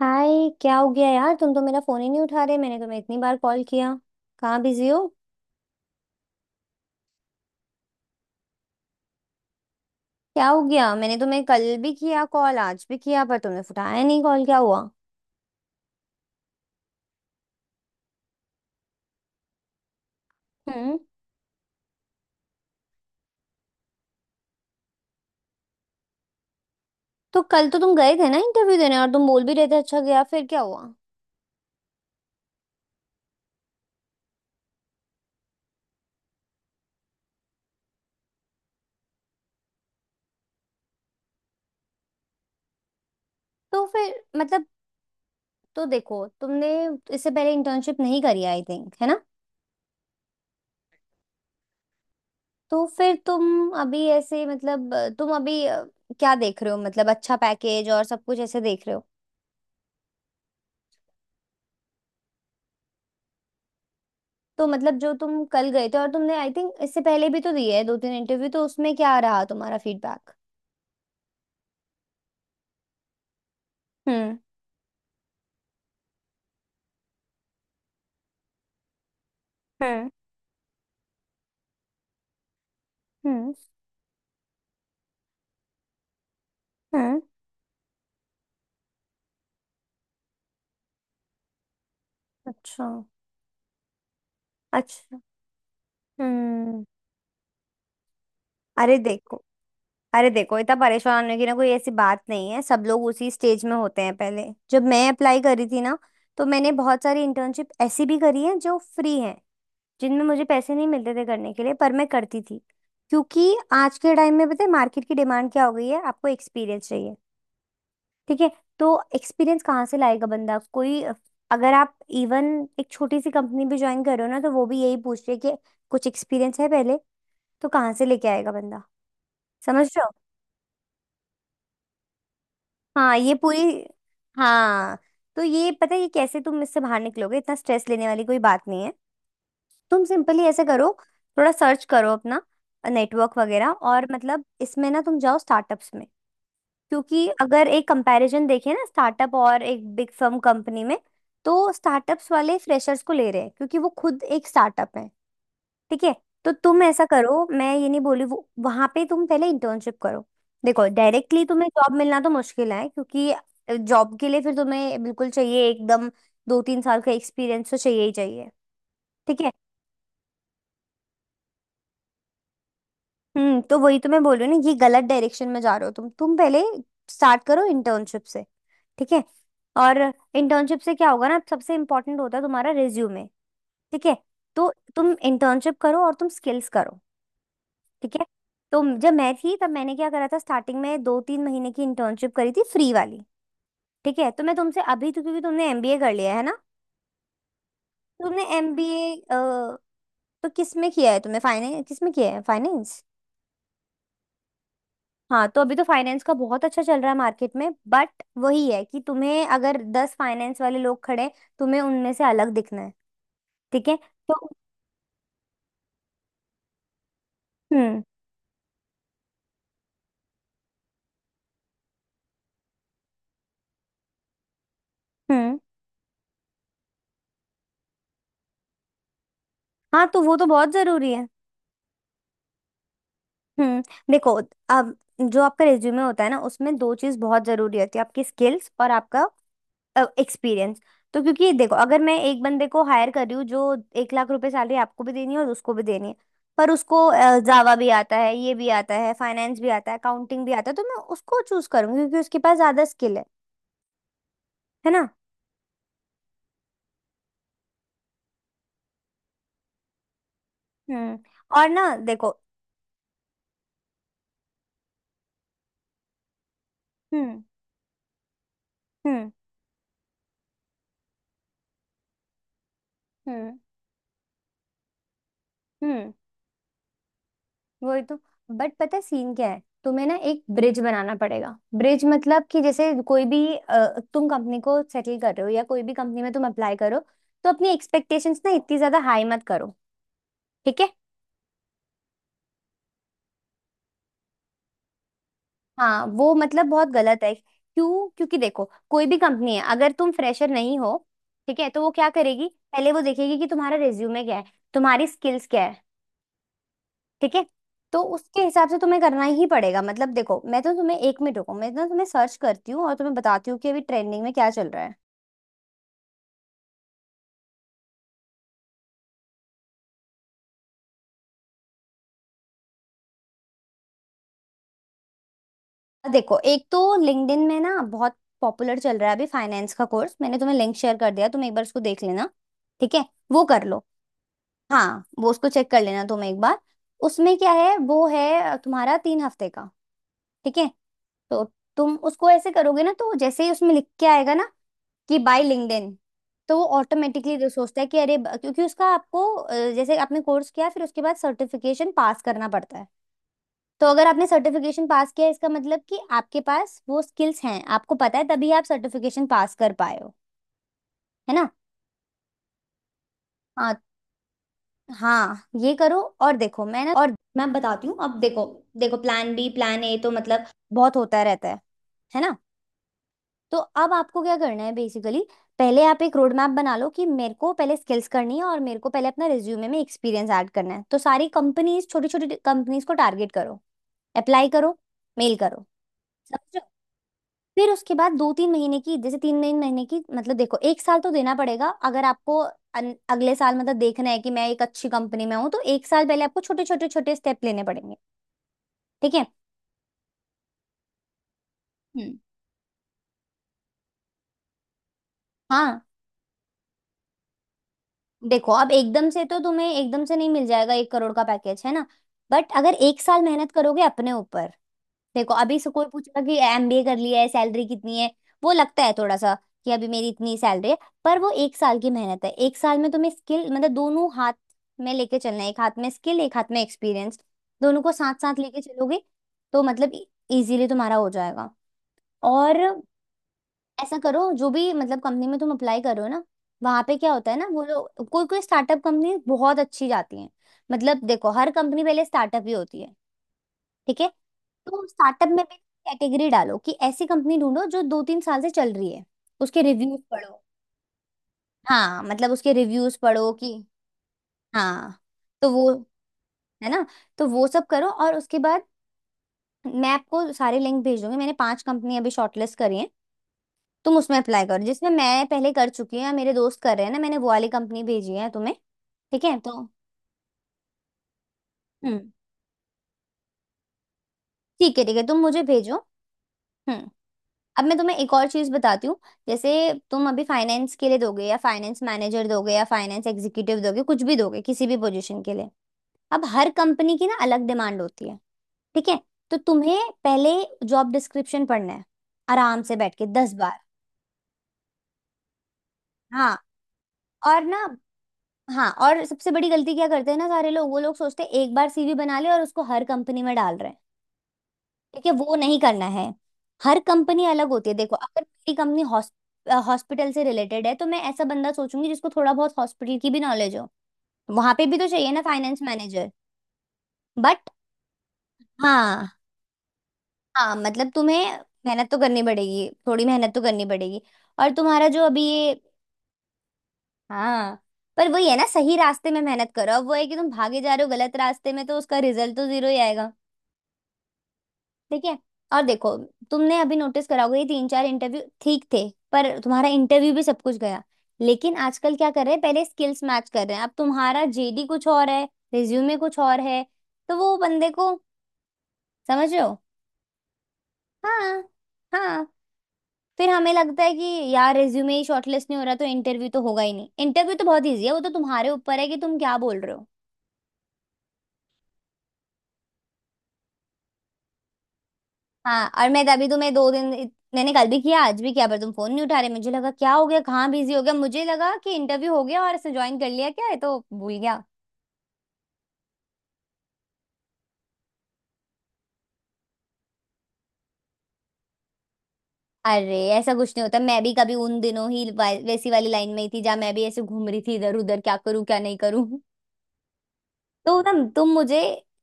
हाय। क्या हो गया यार, तुम तो मेरा फोन ही नहीं उठा रहे। मैंने तुम्हें इतनी बार कॉल किया, कहाँ बिजी हो? क्या हो गया? मैंने तुम्हें कल भी किया कॉल, आज भी किया, पर तुमने उठाया नहीं कॉल। क्या हुआ? हम्म। तो कल तो तुम गए थे ना इंटरव्यू देने, और तुम बोल भी रहे थे अच्छा गया, फिर क्या हुआ? तो फिर मतलब, तो देखो तुमने इससे पहले इंटर्नशिप नहीं करी, आई थिंक, है ना? तो फिर तुम अभी ऐसे मतलब, तुम अभी क्या देख रहे हो मतलब? अच्छा पैकेज और सब कुछ ऐसे देख रहे हो? तो मतलब जो तुम कल गए थे, और तुमने आई थिंक इससे पहले भी तो दिए है 2 3 इंटरव्यू, तो उसमें क्या रहा तुम्हारा फीडबैक? हम्म। हम्म। हम्म। हम्म। अच्छा। अच्छा। हम्म। अरे देखो, अरे देखो, इतना परेशान होने की ना कोई ऐसी बात नहीं है। सब लोग उसी स्टेज में होते हैं पहले। जब मैं अप्लाई करी थी ना, तो मैंने बहुत सारी इंटर्नशिप ऐसी भी करी है जो फ्री है, जिनमें मुझे पैसे नहीं मिलते थे करने के लिए, पर मैं करती थी। क्योंकि आज के टाइम में पता है मार्केट की डिमांड क्या हो गई है, आपको एक्सपीरियंस चाहिए। ठीक है। तो एक्सपीरियंस कहाँ से लाएगा बंदा कोई? अगर आप इवन एक छोटी सी कंपनी भी ज्वाइन कर रहे हो ना, तो वो भी यही पूछ रही है कि कुछ एक्सपीरियंस है पहले। तो कहाँ से लेके आएगा बंदा? समझ रहे हो? हाँ ये पूरी। हाँ, तो ये पता है ये कैसे तुम इससे बाहर निकलोगे, इतना स्ट्रेस लेने वाली कोई बात नहीं है। तुम सिंपली ऐसे करो, थोड़ा सर्च करो अपना नेटवर्क वगैरह, और मतलब इसमें ना तुम जाओ स्टार्टअप्स में। क्योंकि अगर एक कंपैरिजन देखें ना, स्टार्टअप और एक बिग फर्म कंपनी में, तो स्टार्टअप्स वाले फ्रेशर्स को ले रहे हैं, क्योंकि वो खुद एक स्टार्टअप है। ठीक है। तो तुम ऐसा करो, मैं ये नहीं बोली वो, वहां पे तुम पहले इंटर्नशिप करो। देखो डायरेक्टली तुम्हें जॉब मिलना तो मुश्किल है, क्योंकि जॉब के लिए फिर तुम्हें बिल्कुल चाहिए, एकदम 2 3 साल का एक्सपीरियंस तो चाहिए ही चाहिए। ठीक है। हम्म। तो वही तो मैं बोल रही हूँ ना, ये गलत डायरेक्शन में जा रहे हो तुम पहले स्टार्ट करो इंटर्नशिप से। ठीक है। और इंटर्नशिप से क्या होगा ना, सबसे इम्पोर्टेंट होता है तुम्हारा रिज्यूमे। ठीक है। तो तुम इंटर्नशिप करो और तुम स्किल्स करो। ठीक है। तो जब मैं थी तब मैंने क्या करा था, स्टार्टिंग में 2 3 महीने की इंटर्नशिप करी थी, फ्री वाली। ठीक है। तो मैं तुमसे अभी तो, क्योंकि तुमने एमबीए कर लिया है ना। तुमने एमबीए तो किस में किया है, तुमने फाइनेंस, किस में किया है, फाइनेंस? हाँ तो अभी तो फाइनेंस का बहुत अच्छा चल रहा है मार्केट में, बट वही है कि तुम्हें, अगर 10 फाइनेंस वाले लोग खड़े हैं, तुम्हें उनमें से अलग दिखना है। ठीक है। तो हम्म। हम्म। हाँ तो वो तो बहुत जरूरी है। हम्म। देखो अब, जो आपका रिज्यूमे होता है ना, उसमें दो चीज बहुत जरूरी होती है, आपकी स्किल्स और आपका एक्सपीरियंस। तो क्योंकि देखो, अगर मैं एक बंदे को हायर कर रही हूँ जो 1 लाख रुपए सैलरी, आपको भी देनी है और उसको भी देनी है, पर उसको जावा भी आता है, ये भी आता है, फाइनेंस भी आता है, अकाउंटिंग भी आता है, तो मैं उसको चूज करूंगी, क्योंकि उसके पास ज्यादा स्किल है। है ना? हम्म। और ना देखो। हम्म। हम्म। हम्म। हम्म। वही तो। बट पता है सीन क्या है, तुम्हें ना एक ब्रिज बनाना पड़ेगा। ब्रिज मतलब कि जैसे कोई भी तुम कंपनी को सेटल कर रहे हो, या कोई भी कंपनी में तुम अप्लाई करो, तो अपनी एक्सपेक्टेशंस ना इतनी ज्यादा हाई मत करो। ठीक है। हाँ वो मतलब बहुत गलत है। क्यों, क्योंकि देखो कोई भी कंपनी है, अगर तुम फ्रेशर नहीं हो, ठीक है, तो वो क्या करेगी, पहले वो देखेगी कि तुम्हारा रिज्यूमे क्या है, तुम्हारी स्किल्स क्या है। ठीक है। तो उसके हिसाब से तुम्हें करना ही पड़ेगा। मतलब देखो मैं तो तुम्हें, एक मिनट रुको, मैं ना तुम्हें सर्च करती हूँ और तुम्हें बताती हूँ कि अभी ट्रेंडिंग में क्या चल रहा है। देखो एक तो लिंक्डइन में ना बहुत पॉपुलर चल रहा है अभी फाइनेंस का कोर्स। मैंने तुम्हें लिंक शेयर कर दिया, तुम एक बार उसको देख लेना। ठीक है। वो कर लो। हाँ वो उसको चेक कर लेना तुम एक बार। उसमें क्या है, वो है तुम्हारा 3 हफ्ते का। ठीक है। तो तुम उसको ऐसे करोगे ना, तो जैसे ही उसमें लिख के आएगा ना कि बाय लिंक्डइन, तो वो ऑटोमेटिकली जो सोचता है कि अरे क्योंकि उसका आपको जैसे आपने कोर्स किया, फिर उसके बाद सर्टिफिकेशन पास करना पड़ता है। तो अगर आपने सर्टिफिकेशन पास किया, इसका मतलब कि आपके पास वो स्किल्स हैं, आपको पता है, तभी आप सर्टिफिकेशन पास कर पाए हो। है ना? हाँ। हाँ ये करो, और देखो मैं ना, और मैं बताती हूँ, अब देखो। देखो प्लान बी, प्लान ए तो मतलब बहुत होता रहता है। है ना? तो अब आपको क्या करना है बेसिकली, पहले आप एक रोड मैप बना लो कि मेरे को पहले स्किल्स करनी है, और मेरे को पहले अपना रिज्यूमे में एक्सपीरियंस ऐड करना है। तो सारी कंपनीज, छोटी छोटी कंपनीज को टारगेट करो, अप्लाई करो, मेल करो, समझो। फिर उसके बाद 2 3 महीने की, जैसे 3 3 महीने की, मतलब देखो एक साल तो देना पड़ेगा। अगर आपको अगले साल मतलब देखना है कि मैं एक अच्छी कंपनी में हूँ, तो एक साल पहले आपको छोटे छोटे छोटे स्टेप लेने पड़ेंगे। ठीक है। हम्म। हाँ देखो, अब एकदम से तो तुम्हें, एकदम से नहीं मिल जाएगा 1 करोड़ का पैकेज, है ना? बट अगर एक साल मेहनत करोगे अपने ऊपर, देखो अभी से कोई पूछेगा कि एमबीए कर लिया है, सैलरी कितनी है, वो लगता है थोड़ा सा कि अभी मेरी इतनी सैलरी है, पर वो एक साल की मेहनत है। एक साल में तुम्हें स्किल मतलब, दोनों हाथ में लेके चलना है, एक हाथ में स्किल एक हाथ में एक्सपीरियंस, दोनों को साथ साथ लेके चलोगे तो मतलब इजीली तुम्हारा हो जाएगा। और ऐसा करो, जो भी मतलब कंपनी में तुम अप्लाई करो ना, वहां पे क्या होता है ना, वो लोग कोई कोई स्टार्टअप कंपनी बहुत अच्छी जाती है। मतलब देखो हर कंपनी पहले स्टार्टअप ही होती है। ठीक है। तो स्टार्टअप में भी कैटेगरी डालो कि ऐसी कंपनी ढूंढो जो 2 3 साल से चल रही है। उसके रिव्यूज पढ़ो। हाँ मतलब उसके रिव्यूज पढ़ो कि। हाँ तो वो, है ना। तो वो सब करो और उसके बाद मैं आपको सारे लिंक भेज दूंगी। मैंने 5 कंपनी अभी शॉर्टलिस्ट करी हैं। तुम उसमें अप्लाई करो, जिसमें मैं पहले कर चुकी हूँ या मेरे दोस्त कर रहे हैं ना, मैंने वो वाली कंपनी भेजी है तुम्हें। ठीक है तो। हम्म। ठीक है ठीक है, तुम मुझे भेजो। हम्म। अब मैं तुम्हें एक और चीज बताती हूँ। जैसे तुम अभी फाइनेंस के लिए दोगे, या फाइनेंस मैनेजर दोगे, या फाइनेंस एग्जीक्यूटिव दोगे, कुछ भी दोगे किसी भी पोजीशन के लिए, अब हर कंपनी की ना अलग डिमांड होती है। ठीक है। तो तुम्हें पहले जॉब डिस्क्रिप्शन पढ़ना है, आराम से बैठ के 10 बार। हाँ और ना, हाँ और सबसे बड़ी गलती क्या करते हैं ना सारे लोग, वो लोग सोचते हैं एक बार सीवी बना ले और उसको हर कंपनी में डाल रहे हैं। ठीक है, वो नहीं करना है। हर कंपनी अलग होती है। देखो अगर मेरी कंपनी हॉस्पिटल से रिलेटेड है, तो मैं ऐसा बंदा सोचूंगी जिसको थोड़ा बहुत हॉस्पिटल की भी नॉलेज हो, वहां पे भी तो चाहिए ना फाइनेंस मैनेजर। बट हाँ, हाँ मतलब तुम्हें मेहनत तो करनी पड़ेगी, थोड़ी मेहनत तो करनी पड़ेगी। और तुम्हारा जो अभी ये, हाँ पर वही है ना, सही रास्ते में मेहनत करो। अब वो है कि तुम भागे जा रहे हो गलत रास्ते में, तो उसका रिजल्ट तो जीरो ही आएगा। ठीक है। और देखो तुमने अभी नोटिस करा होगा, ये 3 4 इंटरव्यू ठीक थे, पर तुम्हारा इंटरव्यू भी सब कुछ गया, लेकिन आजकल क्या कर रहे हैं, पहले स्किल्स मैच कर रहे हैं। अब तुम्हारा जेडी कुछ और है, रिज्यूमे कुछ और है, तो वो बंदे को, समझ रहे हो? हाँ। हाँ फिर हमें लगता है कि यार रिज्यूमे ही शॉर्टलिस्ट नहीं हो रहा, तो इंटरव्यू तो होगा ही नहीं। इंटरव्यू तो बहुत ईजी है, वो तो तुम्हारे ऊपर है कि तुम क्या बोल रहे हो। हाँ और मैं तभी तुम्हें 2 दिन, मैंने कल भी किया आज भी किया, पर तुम फोन नहीं उठा रहे, मुझे लगा क्या हो गया, कहाँ बिजी हो गया, मुझे लगा कि इंटरव्यू हो गया और इसने ज्वाइन कर लिया क्या है, तो भूल गया। अरे ऐसा कुछ नहीं होता, मैं भी कभी उन दिनों ही वैसी वाली लाइन में ही थी जहाँ मैं भी ऐसे घूम रही थी इधर उधर, क्या करूँ क्या नहीं करूँ। तो ना, तुम मुझे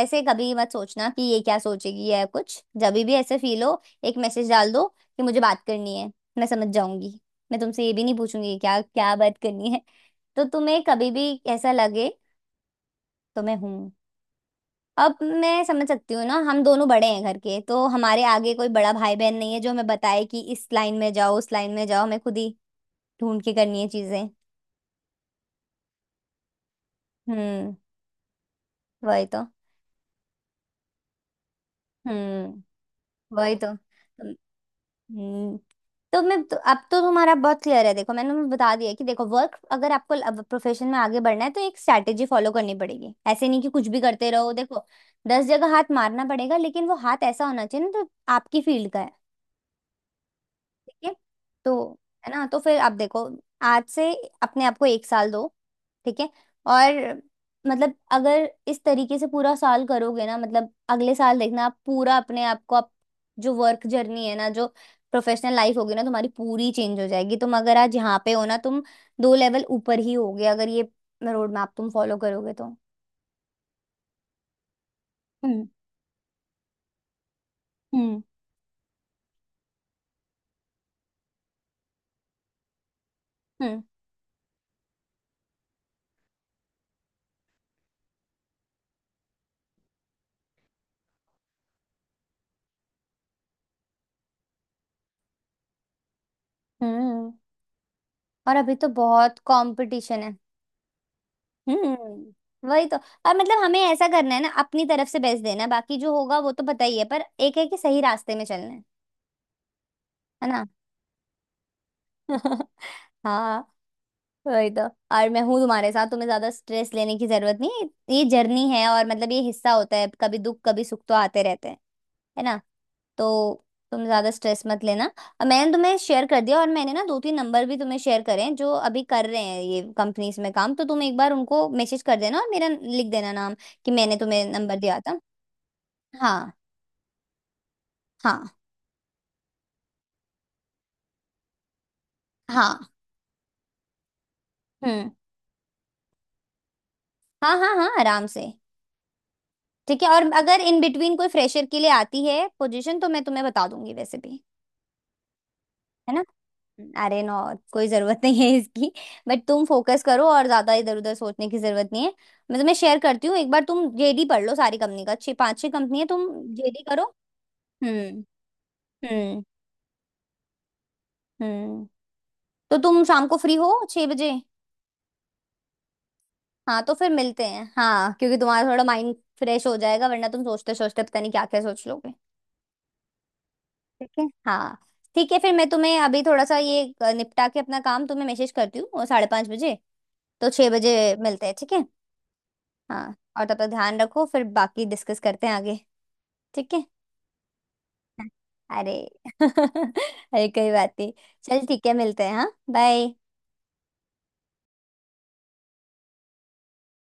ऐसे कभी मत सोचना कि ये क्या सोचेगी या कुछ। जब भी ऐसे फील हो एक मैसेज डाल दो कि मुझे बात करनी है। मैं समझ जाऊंगी। मैं तुमसे ये भी नहीं पूछूंगी क्या क्या बात करनी है। तो तुम्हें कभी भी ऐसा लगे तो मैं हूँ। अब मैं समझ सकती हूँ ना, हम दोनों बड़े हैं घर के, तो हमारे आगे कोई बड़ा भाई बहन नहीं है जो हमें बताए कि इस लाइन में जाओ उस लाइन में जाओ। हमें खुद ही ढूंढ के करनी है चीजें। हम्म। वही तो। हम्म। वही तो। हम्म। तो मैं तो, अब तो तुम्हारा बहुत क्लियर है। देखो, मैंने तुम्हें बता दिया है कि देखो, वर्क, अगर आपको प्रोफेशन में आगे बढ़ना है तो एक स्ट्रैटेजी फॉलो करनी पड़ेगी। ऐसे नहीं कि कुछ भी करते रहो। देखो, 10 जगह हाथ मारना पड़ेगा लेकिन वो हाथ ऐसा होना चाहिए ना तो आपकी फील्ड का है। ठीक है? तो, है ना, तो फिर आप देखो, आज से अपने आप को एक साल दो। ठीक है? और, मतलब अगर इस तरीके से पूरा साल करोगे ना, मतलब अगले साल देखना, आप पूरा अपने आप को, आप जो वर्क जर्नी है ना, जो प्रोफेशनल लाइफ होगी ना तुम्हारी, पूरी चेंज हो जाएगी। तुम अगर आज यहाँ पे हो ना, तुम 2 लेवल ऊपर ही होगे अगर ये रोड मैप तुम फॉलो करोगे तो। हम्म। हम्म। हम्म। हम्म। और अभी तो बहुत कंपटीशन है। हम्म, वही तो। अब मतलब हमें ऐसा करना है ना, अपनी तरफ से बेस्ट देना है। बाकी जो होगा वो तो पता ही है, पर एक है कि सही रास्ते में चलना है। है ना? हाँ, वही तो। और मैं हूँ तुम्हारे साथ, तुम्हें ज्यादा स्ट्रेस लेने की जरूरत नहीं है। ये जर्नी है और मतलब ये हिस्सा होता है। कभी दुख कभी सुख तो आते रहते हैं। है ना? तो तुम ज्यादा स्ट्रेस मत लेना। और मैंने तुम्हें शेयर कर दिया, और मैंने ना दो तीन नंबर भी तुम्हें शेयर करे हैं जो अभी कर रहे हैं ये कंपनीज में काम। तो तुम एक बार उनको मैसेज कर देना और मेरा लिख देना नाम कि मैंने तुम्हें नंबर दिया था। हाँ हाँ हाँ। हम्म। हाँ हाँ हाँ, आराम से। ठीक है, और अगर इन बिटवीन कोई फ्रेशर के लिए आती है पोजीशन तो मैं तुम्हें बता दूंगी वैसे भी। है ना? अरे नो, कोई जरूरत नहीं है इसकी। बट तुम फोकस करो और ज्यादा इधर उधर सोचने की जरूरत नहीं है। मतलब मैं तुम्हें शेयर करती हूँ, एक बार तुम जेडी पढ़ लो सारी कंपनी का। छह पांच छह कंपनी है। तुम जेडी करो। हम्म। हम्म। हम्म। तो तुम शाम को फ्री हो 6 बजे? हाँ तो फिर मिलते हैं, हाँ, क्योंकि तुम्हारा थोड़ा माइंड फ्रेश हो जाएगा, वरना तुम सोचते सोचते पता नहीं क्या क्या सोच लोगे। ठीक है, हाँ। ठीक है, फिर मैं तुम्हें अभी थोड़ा सा ये निपटा के अपना काम तुम्हें मैसेज करती हूँ, और 5:30 बजे, तो 6 बजे मिलते हैं। ठीक है। हाँ, और तब तक ध्यान रखो, फिर बाकी डिस्कस करते हैं आगे। ठीक है। अरे। अरे, कोई बात नहीं। चल ठीक है, मिलते हैं। हाँ, बाय।